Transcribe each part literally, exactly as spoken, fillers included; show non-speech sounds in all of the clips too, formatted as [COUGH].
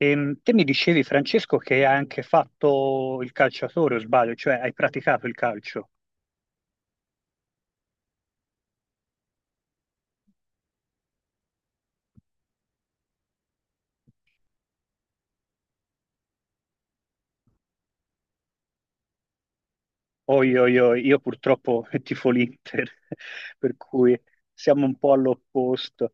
Ehm, te mi dicevi, Francesco, che hai anche fatto il calciatore, o sbaglio, cioè hai praticato il calcio. Oi, oi, oi, io purtroppo [LAUGHS] tifo l'Inter, [LAUGHS] per cui siamo un po' all'opposto.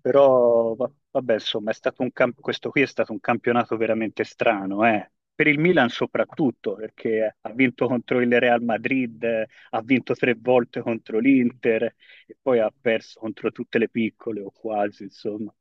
Però, va- vabbè, insomma, è stato un camp- questo qui è stato un campionato veramente strano, eh. Per il Milan soprattutto, perché ha vinto contro il Real Madrid, eh, ha vinto tre volte contro l'Inter e poi ha perso contro tutte le piccole o quasi, insomma.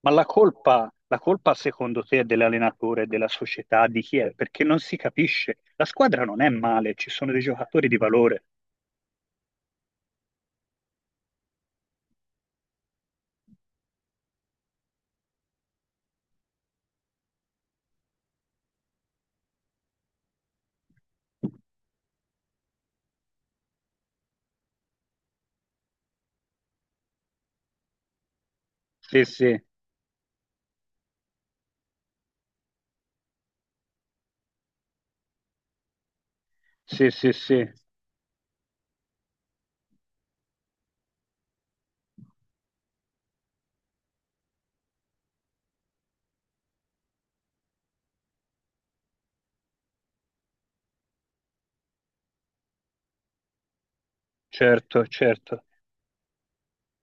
Ma la colpa, la colpa secondo te è dell'allenatore, della società, di chi è? Perché non si capisce. La squadra non è male, ci sono dei giocatori di valore. Sì, sì, sì, sì, sì, certo, certo.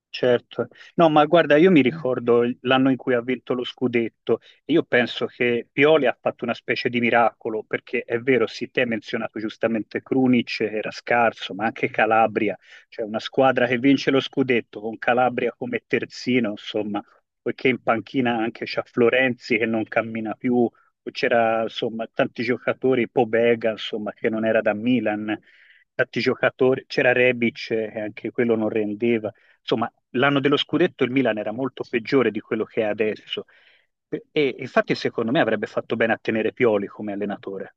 Certo, no, ma guarda, io mi ricordo il- l'anno in cui ha vinto lo scudetto e io penso che Pioli ha fatto una specie di miracolo, perché è vero, sì, te hai menzionato giustamente Krunic, che era scarso, ma anche Calabria, cioè una squadra che vince lo scudetto con Calabria come terzino, insomma, poiché in panchina anche c'ha Florenzi che non cammina più, poi c'era insomma tanti giocatori, Pobega, insomma, che non era da Milan, tanti giocatori, c'era Rebic eh, che anche quello non rendeva. Insomma, l'anno dello scudetto il Milan era molto peggiore di quello che è adesso. E, e infatti, secondo me, avrebbe fatto bene a tenere Pioli come allenatore.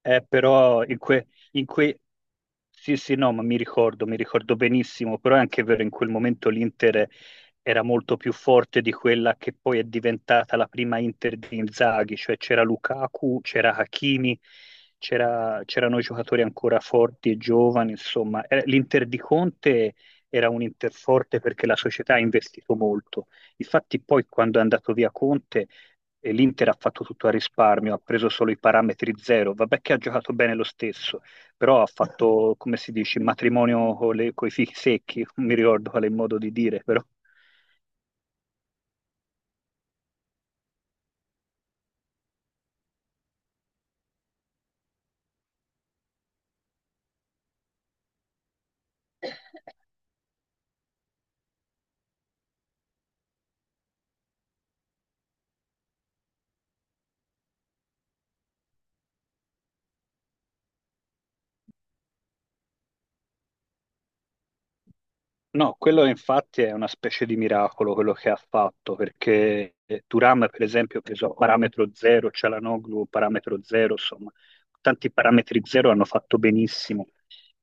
Eh, però in, que- in que- Sì, sì, no, ma mi ricordo, mi ricordo benissimo, però è anche vero, in quel momento l'Inter era molto più forte di quella che poi è diventata la prima Inter di Inzaghi, cioè c'era Lukaku, c'era Hakimi, c'era- c'erano giocatori ancora forti e giovani, insomma. Eh, L'Inter di Conte era un Inter forte perché la società ha investito molto. Infatti poi quando è andato via Conte. eh, L'Inter ha fatto tutto a risparmio, ha preso solo i parametri zero. Vabbè che ha giocato bene lo stesso, però ha fatto, come si dice, il matrimonio con i fichi secchi, non mi ricordo qual è il modo di dire, però No, quello infatti è una specie di miracolo quello che ha fatto, perché Turam, per esempio, ha preso parametro zero, Cialanoglu parametro zero, insomma, tanti parametri zero hanno fatto benissimo.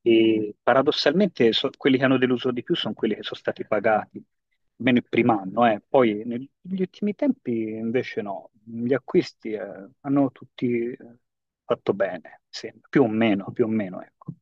E paradossalmente so- quelli che hanno deluso di più sono quelli che sono stati pagati, almeno il primo anno, eh. Poi neg- negli ultimi tempi invece no, gli acquisti eh, hanno tutti eh, fatto bene, sì, più o meno, più o meno, ecco.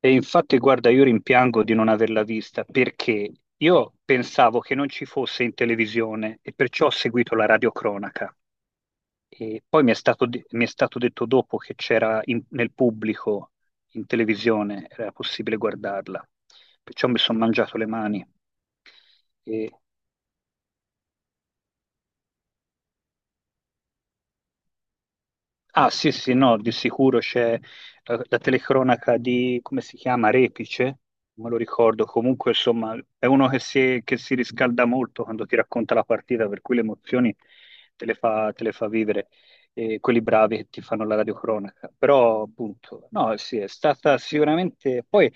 E infatti, guarda, io rimpiango di non averla vista perché io pensavo che non ci fosse in televisione e perciò ho seguito la radiocronaca. E poi mi è stato, de- mi è stato detto dopo che c'era in- nel pubblico in televisione, era possibile guardarla. Perciò mi sono mangiato le mani. Ah, sì, sì, no, di sicuro c'è eh, la telecronaca di, come si chiama, Repice, non me lo ricordo, comunque insomma è uno che si, che si riscalda molto quando ti racconta la partita, per cui le emozioni te le fa, te le fa vivere, eh, quelli bravi che ti fanno la radiocronaca, però appunto, no, sì, è stata sicuramente. Poi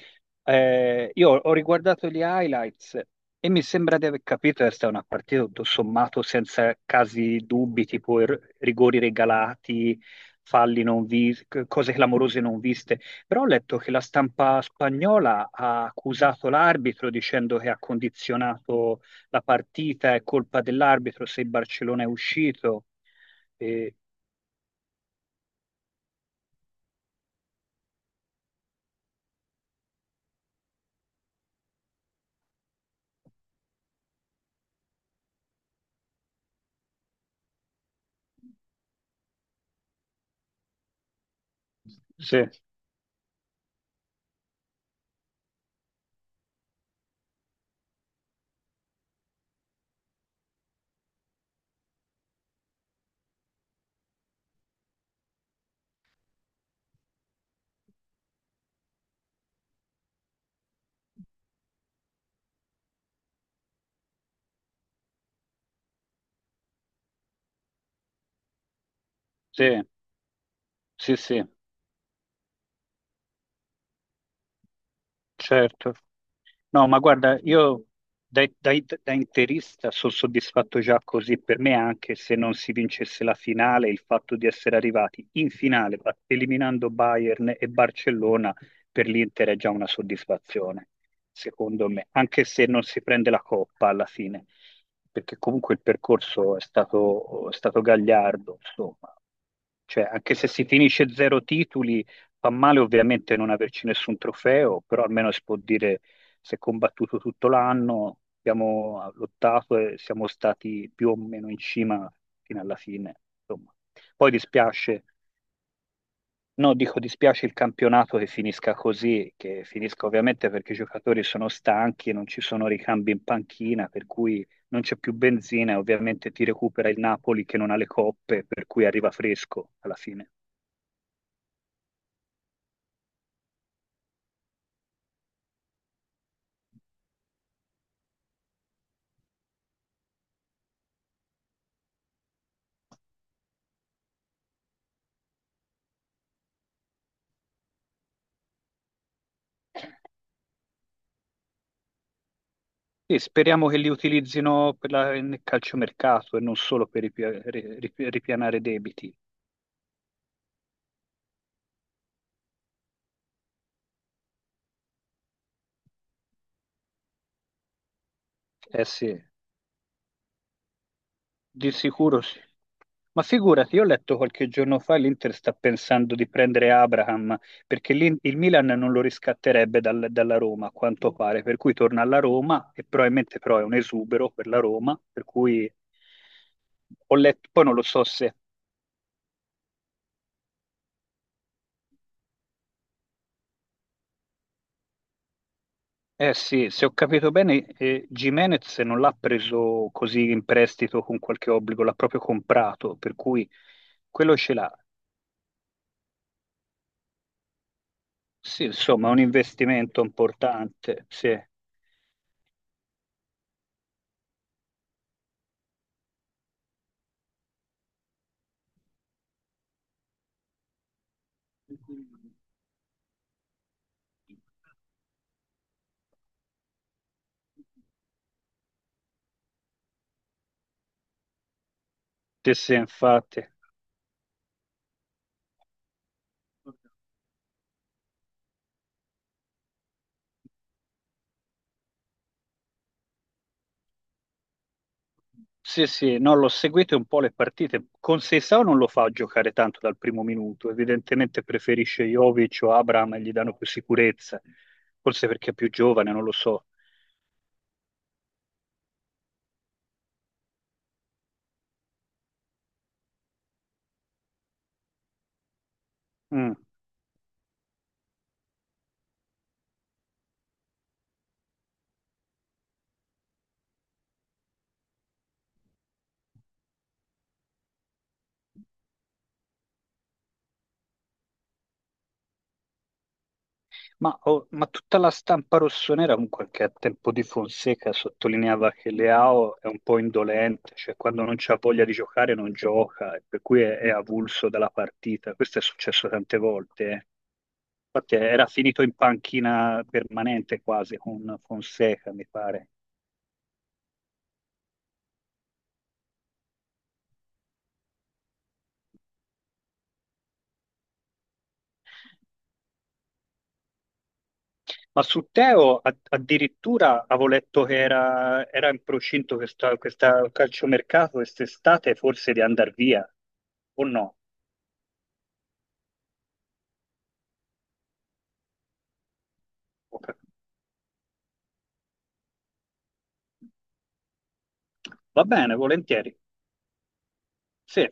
eh, io ho riguardato gli highlights e mi sembra di aver capito che sta una partita tutto sommato senza casi dubbi, tipo er- rigori regalati, falli non visti, cose clamorose non viste. Però ho letto che la stampa spagnola ha accusato l'arbitro dicendo che ha condizionato la partita, è colpa dell'arbitro se il Barcellona è uscito. E- Sì, sì, sì, sì, certo. No, ma guarda, io da, da- da interista sono soddisfatto già così. Per me, anche se non si vincesse la finale, il fatto di essere arrivati in finale, ba- eliminando Bayern e Barcellona, per l'Inter è già una soddisfazione, secondo me, anche se non si prende la coppa alla fine, perché comunque il percorso è stato, è stato gagliardo, insomma. Cioè, anche se si finisce zero titoli, fa male ovviamente non averci nessun trofeo, però almeno si può dire si è combattuto tutto l'anno, abbiamo lottato e siamo stati più o meno in cima fino alla fine. Insomma. Poi dispiace, no, dico dispiace il campionato che finisca così, che finisca ovviamente perché i giocatori sono stanchi, non ci sono ricambi in panchina, per cui non c'è più benzina e ovviamente ti recupera il Napoli che non ha le coppe, per cui arriva fresco alla fine. Sì, speriamo che li utilizzino per la, nel calciomercato e non solo per ripi- ri- ripianare debiti. Eh sì. Di sicuro sì. Ma figurati, io ho letto qualche giorno fa l'Inter sta pensando di prendere Abraham perché l'In- il Milan non lo riscatterebbe dal- dalla Roma, a quanto pare, per cui torna alla Roma e probabilmente però è un esubero per la Roma, per cui ho letto, poi non lo so se, eh sì, se ho capito bene, eh, Gimenez non l'ha preso così in prestito con qualche obbligo, l'ha proprio comprato, per cui quello ce l'ha. Sì, insomma, è un investimento importante, sì. Sì, sì, infatti. Sì, sì, no, l'ho seguito un po' le partite. Con Seisao non lo fa giocare tanto dal primo minuto, evidentemente preferisce Jovic o Abraham e gli danno più sicurezza, forse perché è più giovane, non lo so. Mm. Ma, oh, ma tutta la stampa rossonera, comunque, anche a tempo di Fonseca, sottolineava che Leao è un po' indolente, cioè quando non c'ha voglia di giocare non gioca, e per cui è, è avulso dalla partita. Questo è successo tante volte, eh. Infatti era finito in panchina permanente quasi con Fonseca, mi pare. Ma su Teo a- addirittura avevo letto che era, era in procinto questa, questa calciomercato quest'estate forse di andare via, o no? Ho cap- Va bene, volentieri. Sì.